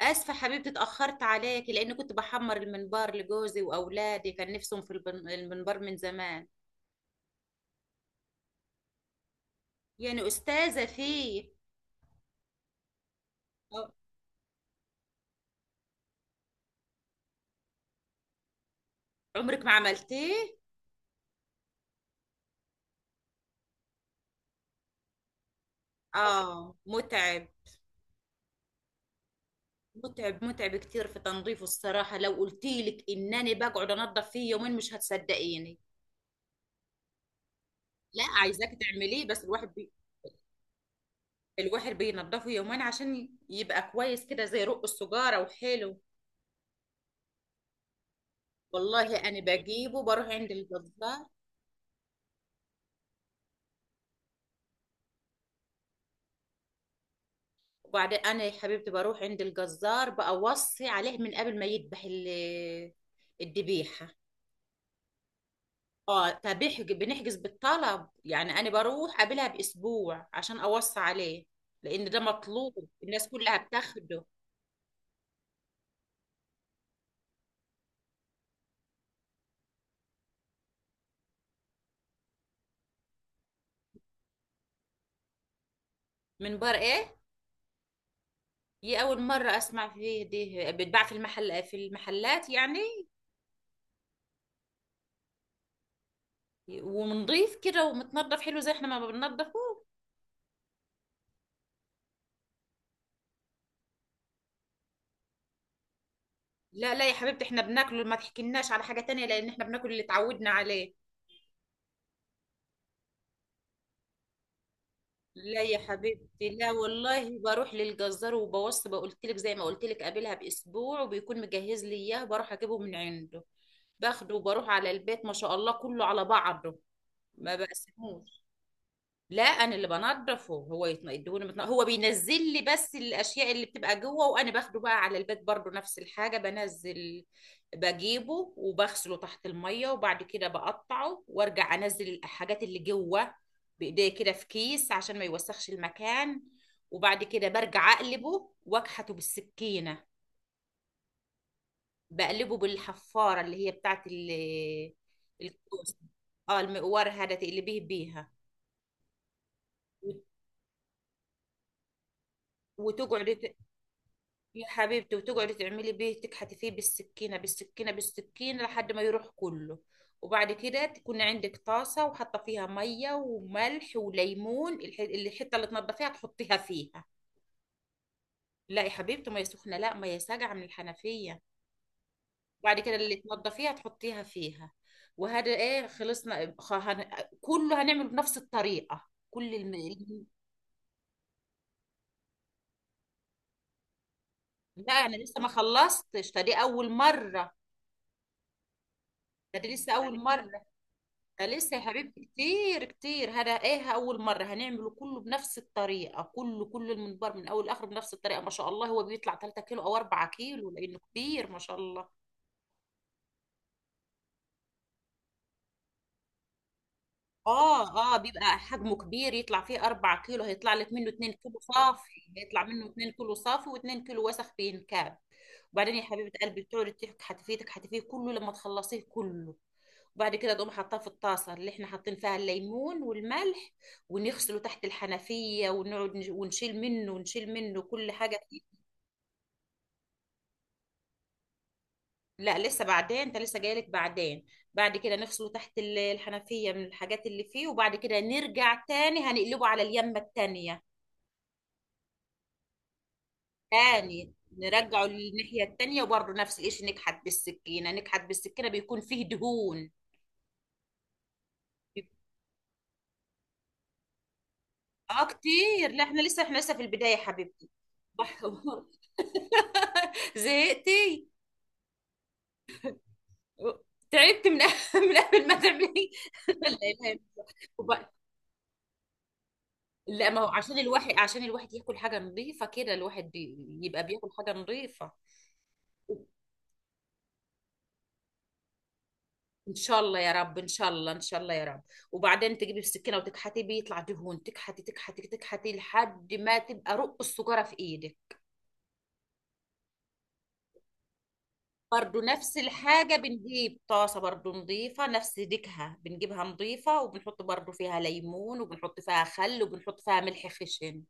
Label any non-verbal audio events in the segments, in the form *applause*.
اسفه حبيبتي، اتاخرت عليكي لان كنت بحمر المنبار لجوزي واولادي، كان نفسهم في المنبار من زمان. يعني استاذه فيه. آه، عمرك ما عملتيه؟ اه، متعب. متعب متعب كتير في تنظيفه، الصراحه، لو قلت لك انني بقعد انظف فيه يومين مش هتصدقيني. لا، عايزاك تعمليه، بس الواحد بينضفه يومين عشان يبقى كويس كده، زي رق السجاره وحلو. والله انا بجيبه، بروح عند الجزار. وبعدين انا يا حبيبتي بروح عند الجزار، بأوصي عليه من قبل ما يذبح الذبيحه. اه، بنحجز بالطلب يعني، انا بروح قبلها باسبوع عشان اوصي عليه، لان ده مطلوب، الناس كلها بتاخده. من بر ايه؟ دي اول مره اسمع فيه. دي بتباع في المحل، في المحلات يعني؟ ونضيف كده ومتنضف حلو زي احنا ما بننضفه؟ لا، لا يا حبيبتي، احنا بناكله، ما تحكيلناش على حاجه تانية، لان احنا بناكل اللي اتعودنا عليه. لا يا حبيبتي، لا والله، بروح للجزار وبوصي، بقولت لك زي ما قلت لك، قابلها باسبوع وبيكون مجهز لي اياه، بروح اجيبه من عنده. باخده وبروح على البيت، ما شاء الله كله على بعضه، ما بقسموش. لا، انا اللي بنضفه. هو يديهوني، هو بينزل لي بس الاشياء اللي بتبقى جوه، وانا باخده بقى على البيت، برضو نفس الحاجه، بنزل بجيبه وبغسله تحت الميه، وبعد كده بقطعه وارجع انزل الحاجات اللي جوه بايديا كده في كيس عشان ما يوسخش المكان. وبعد كده برجع اقلبه واكحته بالسكينه. بقلبه بالحفاره اللي هي بتاعت الكوسه. اه، المقوار هذا تقلبيه بيها. وتقعد، يا حبيبتي، وتقعدي تعملي بيه، تكحتي فيه بالسكينة بالسكينة بالسكينة لحد ما يروح كله. وبعد كده تكون عندك طاسة وحاطة فيها مية وملح وليمون، الحتة اللي تنضفيها تحطيها فيها. لا يا حبيبتي، مية سخنة؟ لا، مية ساقعة من الحنفية. وبعد كده اللي تنضفيها تحطيها فيها. وهذا ايه، خلصنا. كله هنعمله بنفس الطريقة، كل لا، انا لسه ما خلصتش، ده دي اول مرة. ده دي لسه اول مرة. ده لسه يا حبيبتي كتير كتير، هذا ايه، اول مره هنعمله كله بنفس الطريقه، كله، كل المنبر من اول لاخر بنفس الطريقه. ما شاء الله هو بيطلع 3 كيلو او 4 كيلو لانه كبير، ما شاء الله. اه، اه، بيبقى حجمه كبير، يطلع فيه 4 كيلو، هيطلع لك منه 2 كيلو صافي، هيطلع منه 2 كيلو صافي و2 كيلو وسخ بينكاب. وبعدين يا حبيبه قلبي، بتقعدي تحكي، حتفيتك حتفيه كله لما تخلصيه كله. وبعد كده تقوم حاطاه في الطاسه اللي احنا حاطين فيها الليمون والملح، ونغسله تحت الحنفيه، ونقعد ونشيل منه ونشيل منه كل حاجه فيه. لا، لسه، بعدين، انت لسه جايلك بعدين. بعد كده نغسله تحت الحنفيه من الحاجات اللي فيه، وبعد كده نرجع تاني، هنقلبه على اليمه التانيه. تاني، نرجعه للناحيه التانيه، وبرضه نفس الشيء، نكحت بالسكينه نكحت بالسكينه، بيكون فيه دهون. اه كتير. لا، احنا لسه، احنا لسه في البداية يا حبيبتي. بح- *laughs* زهقتي؟ تعبت من *laughs* من قبل ما تعملي. *laughs* لا لا لا. وب- لا، ما هو عشان الواحد، عشان الواحد ياكل حاجة نظيفة كده، الواحد يبقى بياكل حاجة نظيفة. ان شاء الله يا رب، ان شاء الله، ان شاء الله يا رب. وبعدين تجيبي السكينة وتكحتي بيه، يطلع دهون، تكحتي تكحتي تكحتي لحد ما تبقى رق السجارة في ايدك. برضو نفس الحاجة، بنجيب طاسة برضو نظيفة نفس ديكها، بنجيبها نظيفة، وبنحط برضو فيها ليمون، وبنحط فيها خل، وبنحط فيها ملح خشن.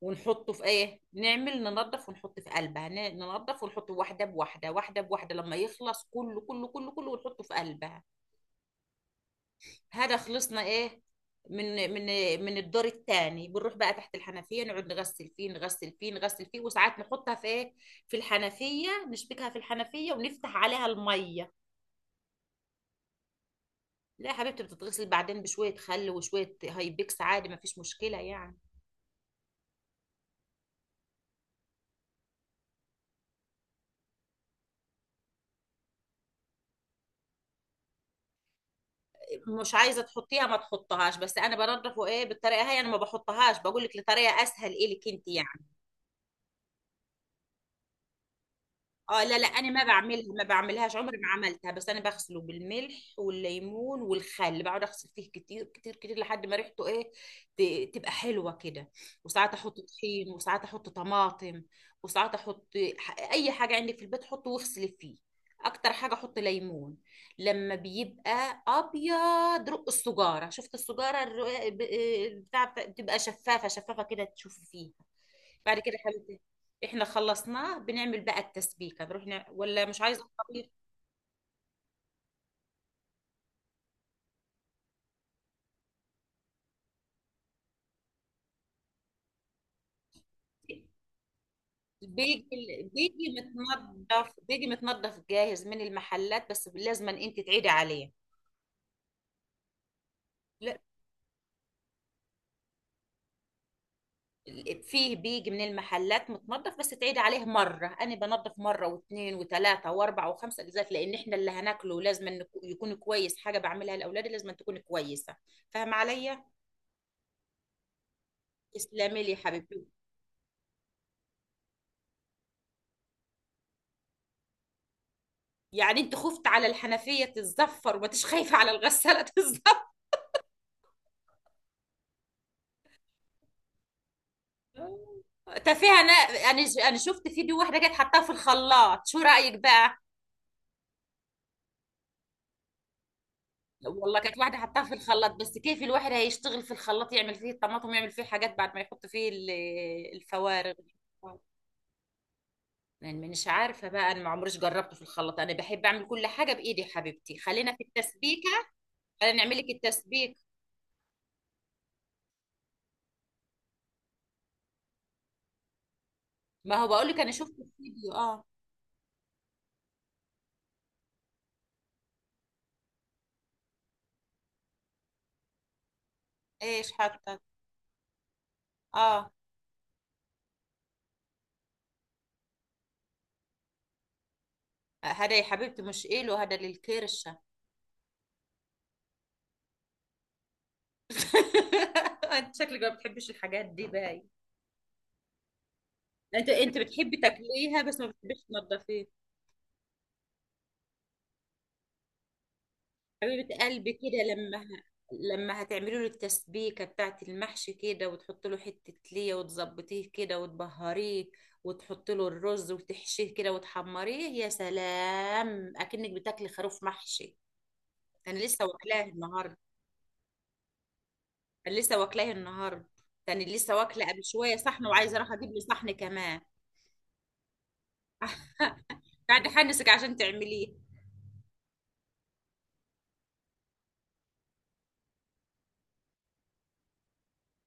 ونحطه في ايه، نعمل، ننضف ونحط في قلبها، ننضف ونحط، واحدة بواحدة، واحدة بواحدة، لما يخلص كله كله كله كله، ونحطه في قلبها. هذا خلصنا ايه. من من الدور الثاني بنروح بقى تحت الحنفية، نقعد نغسل فيه، نغسل فيه، نغسل فيه، وساعات نحطها في ايه، في الحنفية، نشبكها في الحنفية ونفتح عليها المية. لا يا حبيبتي، بتتغسل بعدين بشوية خل وشوية هايبكس، عادي، ما فيش مشكلة يعني. مش عايزة تحطيها، ما تحطهاش، بس أنا بنضف وإيه، بالطريقة هي أنا ما بحطهاش، بقول لك لطريقة أسهل إلك أنت يعني. اه، لا لا، انا ما بعملها، ما بعملهاش، عمري ما عملتها، بس انا بغسله بالملح والليمون والخل، بقعد اغسل فيه كتير كتير كتير لحد ما ريحته ايه، تبقى حلوه كده. وساعات احط طحين، وساعات احط طماطم، وساعات احط اي حاجه عندك في البيت حطه واغسلي فيه. اكتر حاجه احط ليمون. لما بيبقى ابيض رق السجاره، شفت السجاره بتاع، بتبقى شفافه شفافه كده تشوفي فيها. بعد كده حبيبتي، احنا خلصناه، بنعمل بقى التسبيكه، بنروح ولا مش عايزه الطبيخ؟ بيجي متنضف، بيجي متنضف جاهز من المحلات، بس لازم انت تعيدي عليه. لا، فيه بيجي من المحلات متنضف بس تعيدي عليه، مره انا بنضف مره واثنين وثلاثه واربعه وخمسه اجزاء، لان احنا اللي هناكله لازم إنه يكون كويس، حاجه بعملها لاولادي لازم تكون كويسه. فاهمه عليا؟ تسلمي لي يا حبيبتي. يعني انت خفت على الحنفية تتزفر وما تش خايفة على الغسالة تتزفر؟ تفاهة انا. انا شفت فيديو واحدة كانت حطاها في الخلاط، شو رأيك بقى؟ والله كانت واحدة حطاها في الخلاط، بس كيف الواحد هيشتغل في الخلاط، يعمل فيه الطماطم، يعمل فيه حاجات بعد ما يحط فيه الفوارغ. يعني مش عارفة بقى، انا ما عمريش جربته في الخلاط، انا بحب اعمل كل حاجة بايدي، يا حبيبتي خلينا في التسبيكة. خلينا نعمل لك التسبيك. ما هو بقول لك انا شفت الفيديو، اه. ايش حاطة؟ اه، هذا يا حبيبتي مش إله، هذا للكرشة. *laughs* انت شكلك ما بتحبيش الحاجات دي، باي. انت بتحبي تاكليها بس ما بتحبيش تنضفيها. حبيبة قلبي، كده لما لما هتعملي له التسبيكة بتاعت المحشي كده، وتحط له حتة ليا، وتظبطيه كده وتبهريه، وتحط له الرز وتحشيه كده وتحمريه، يا سلام، اكنك بتاكلي خروف محشي. انا لسه واكلاه النهارده. انا لسه واكلاه النهارده. يعني لسه واكله قبل شويه صحن، وعايزه اروح اجيب لي صحن كمان. *laughs* قاعد احنسك عشان تعمليه.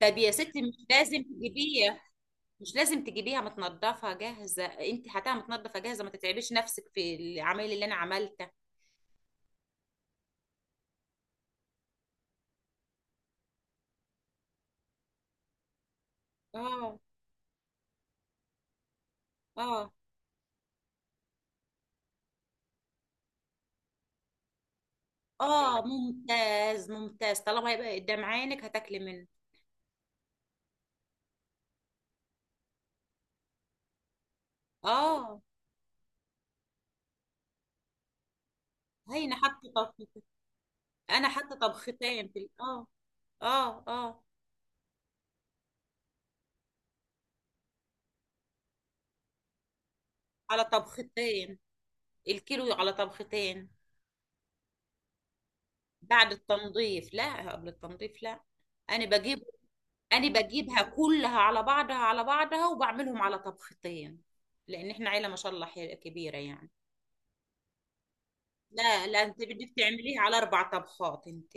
طب يا ستي، مش لازم تجيبيها. مش لازم تجيبيها متنضفه جاهزه، انت هاتها متنضفه جاهزه، ما تتعبيش نفسك في العمايل اللي انا عملتها. اه، اه، اه، ممتاز ممتاز، طالما هيبقى قدام عينك هتاكلي منه. اه، هينا حاطه طبخ. انا حاطه طبختين في اه. اه، اه، على طبختين، الكيلو على طبختين. بعد التنظيف، لا، قبل التنظيف، لا. انا بجيب. انا بجيبها كلها على بعضها على بعضها، وبعملهم على طبختين، لان احنا عيله ما شاء الله كبيره يعني. لا لا، انت بدك تعمليها على 4 طبخات انت.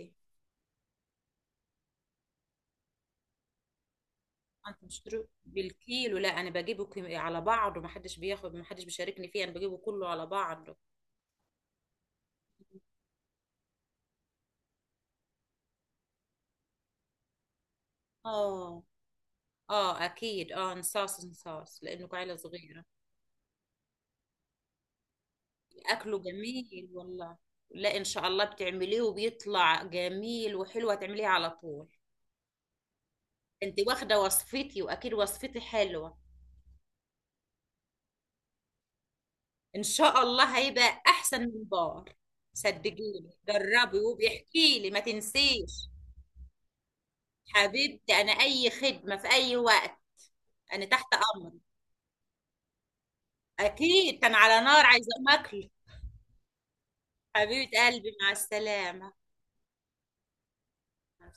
انت مش بالكيلو، لا، انا بجيبه على بعضه، ما حدش بياخد، ما حدش بيشاركني فيه، انا بجيبه كله على بعضه. اه، اه، اكيد، اه، نصاص نصاص لانه عيله صغيره. اكله جميل والله. لا، ان شاء الله بتعمليه وبيطلع جميل، وحلوه تعمليه على طول. انت واخده وصفتي، واكيد وصفتي حلوه. ان شاء الله هيبقى احسن من بار. صدقيني، جربي وبيحكي لي، ما تنسيش. حبيبتي انا اي خدمه في اي وقت، انا تحت امرك. اكيد، كان على نار عايزه اكل. حبيبه قلبي، مع السلامه.